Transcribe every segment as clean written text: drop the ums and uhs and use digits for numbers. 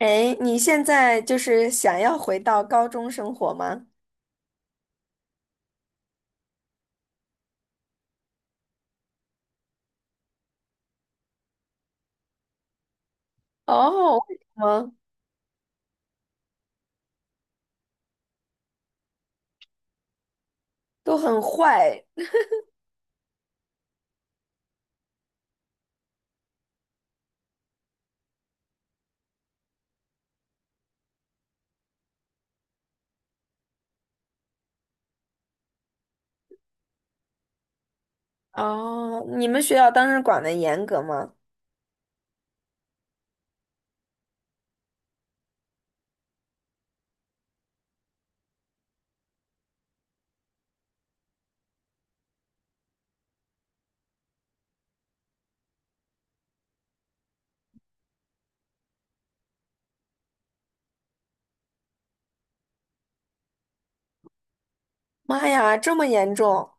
哎，你现在就是想要回到高中生活吗？哦，为什么都很坏？哦，你们学校当时管的严格吗？妈呀，这么严重！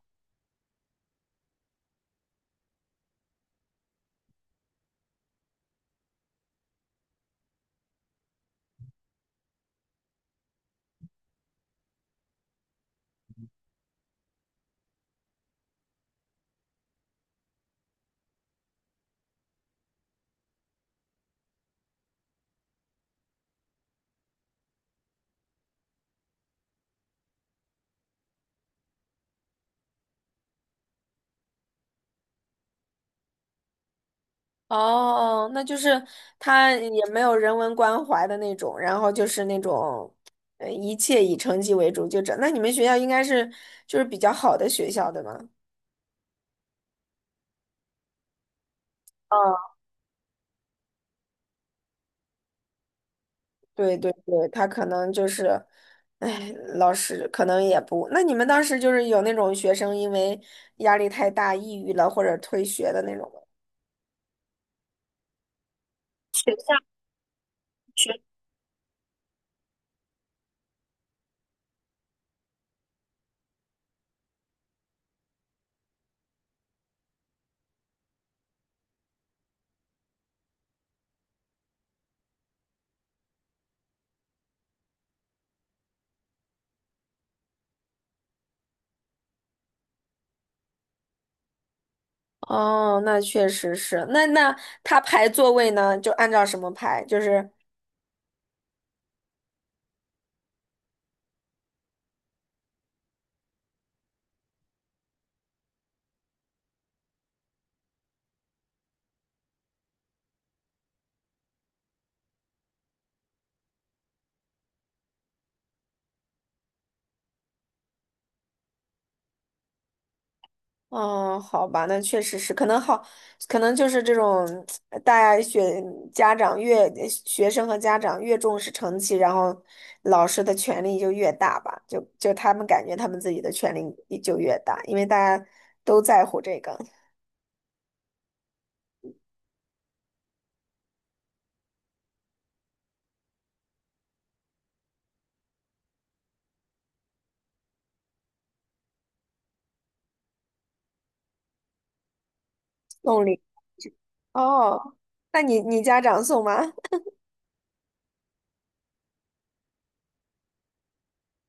哦，那就是他也没有人文关怀的那种，然后就是那种，一切以成绩为主，就这。那你们学校应该是就是比较好的学校，对吗？对对对，他可能就是，哎，老师可能也不，那你们当时就是有那种学生因为压力太大抑郁了或者退学的那种吗？是。哦，那确实是。那他排座位呢，就按照什么排？就是。哦，好吧，那确实是，可能好，可能就是这种，呃大家学家长越学生和家长越重视成绩，然后老师的权力就越大吧，就他们感觉他们自己的权力也就越大，因为大家都在乎这个送礼。哦，那你家长送吗？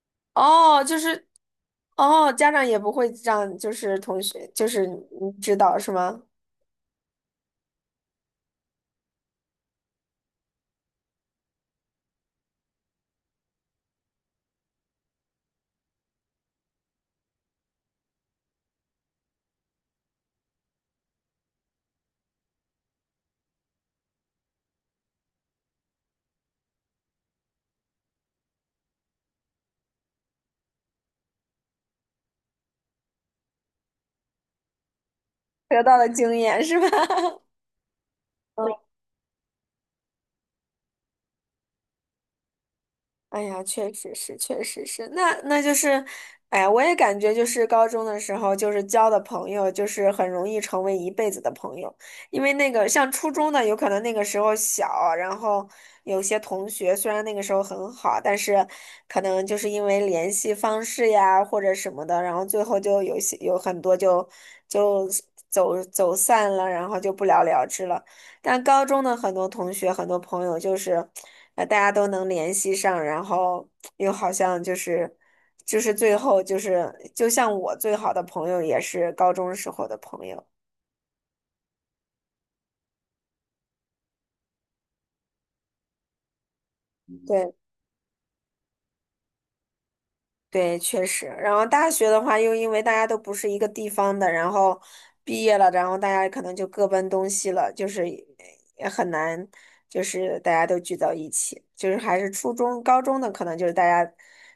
哦，就是。哦，家长也不会让就是同学就是你知道是吗？得到的经验是吧？嗯。哎呀，确实是，确实是，那就是，哎呀，我也感觉就是高中的时候，就是交的朋友，就是很容易成为一辈子的朋友，因为那个像初中的，有可能那个时候小，然后有些同学虽然那个时候很好，但是可能就是因为联系方式呀或者什么的，然后最后就有些有很多就走走散了，然后就不了了之了。但高中的很多同学、很多朋友就是，大家都能联系上，然后又好像就是，就是最后就是，就像我最好的朋友也是高中时候的朋友。对。对，确实。然后大学的话，又因为大家都不是一个地方的，然后毕业了，然后大家可能就各奔东西了，就是也很难，就是大家都聚到一起。就是还是初中、高中的，可能就是大家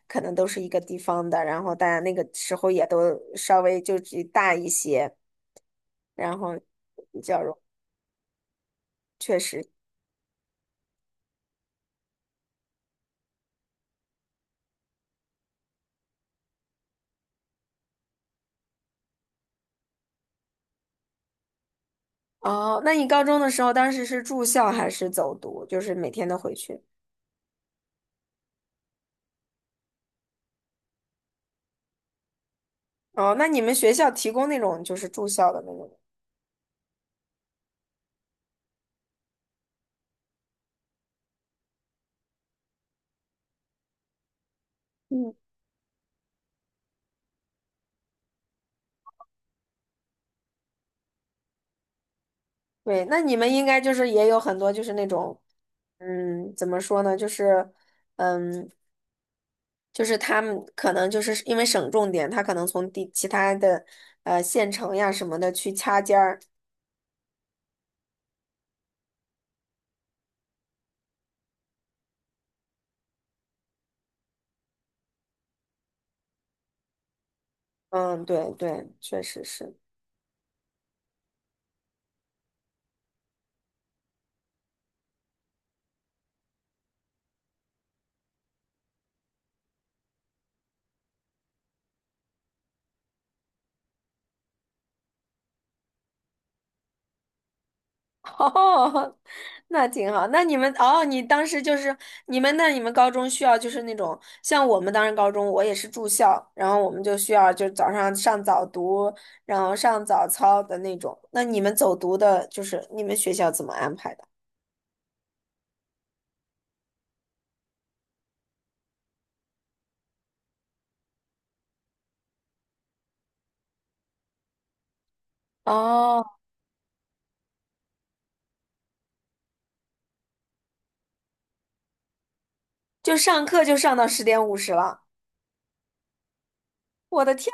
可能都是一个地方的，然后大家那个时候也都稍微就只大一些，然后比较容，确实。哦，那你高中的时候，当时是住校还是走读？就是每天都回去？哦，那你们学校提供那种就是住校的那种？嗯。对，那你们应该就是也有很多就是那种，嗯，怎么说呢，就是，嗯，就是他们可能就是因为省重点，他可能从地其他的县城呀什么的去掐尖儿。嗯，对对，确实是。哦，那挺好。那你们哦，你当时就是你们高中需要就是那种像我们当时高中，我也是住校，然后我们就需要就早上上早读，然后上早操的那种。那你们走读的，就是你们学校怎么安排的？哦，就上课就上到十点五十了。我的天，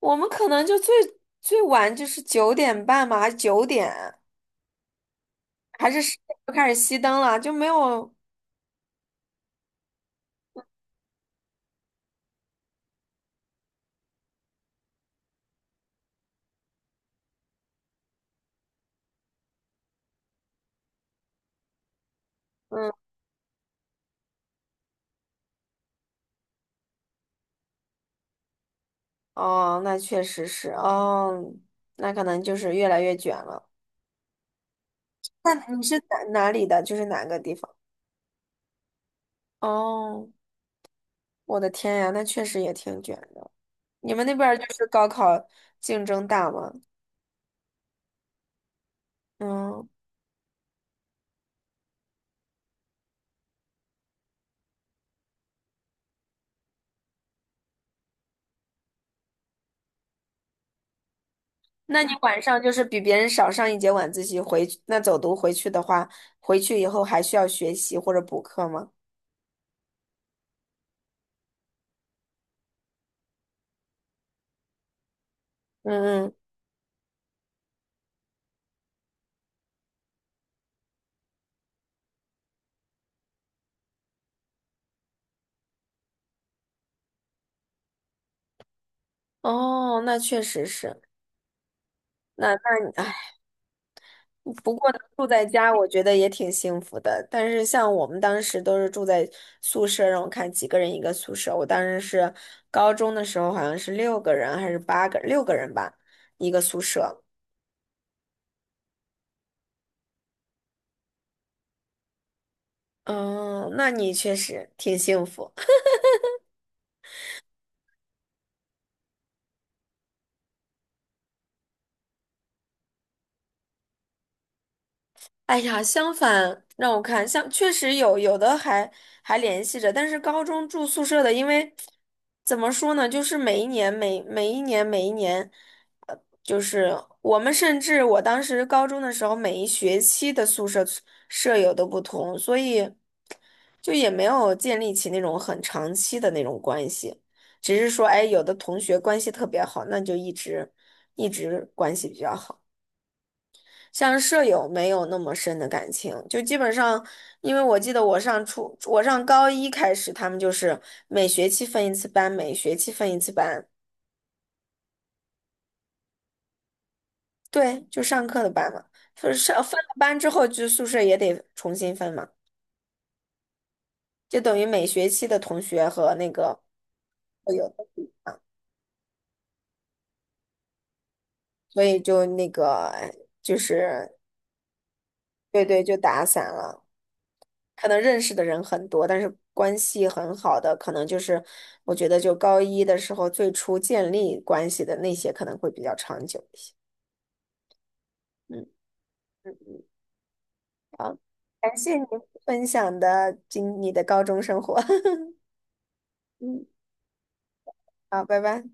我们可能就最晚就是九点半嘛，还是九点，还是十点就开始熄灯了，就没有。嗯。哦，那确实是哦，那可能就是越来越卷了。那你是哪里的？就是哪个地方？哦，我的天呀，那确实也挺卷的。你们那边儿就是高考竞争大吗？嗯，那你晚上就是比别人少上一节晚自习回去，那走读回去的话，回去以后还需要学习或者补课吗？嗯嗯，哦，那确实是，那那不过能住在家，我觉得也挺幸福的。但是像我们当时都是住在宿舍，让我看几个人一个宿舍。我当时是高中的时候，好像是六个人还是八个，六个人吧，一个宿舍。嗯，那你确实挺幸福。哎呀，相反，让我看，像确实有的还还联系着，但是高中住宿舍的，因为怎么说呢，就是每一年，就是我们甚至我当时高中的时候，每一学期的宿舍舍友都不同，所以就也没有建立起那种很长期的那种关系，只是说，哎，有的同学关系特别好，那就一直关系比较好。像舍友没有那么深的感情，就基本上，因为我记得我上初，我上高一开始，他们就是每学期分一次班，对，就上课的班嘛，就是上分了班之后，就宿舍也得重新分嘛，就等于每学期的同学和那个舍友，所以就那个哎就是对对，就打散了。可能认识的人很多，但是关系很好的，可能就是我觉得就高一的时候最初建立关系的那些，可能会比较长久一些。嗯嗯，好，感谢你分享的今你的高中生活。嗯，好，拜拜。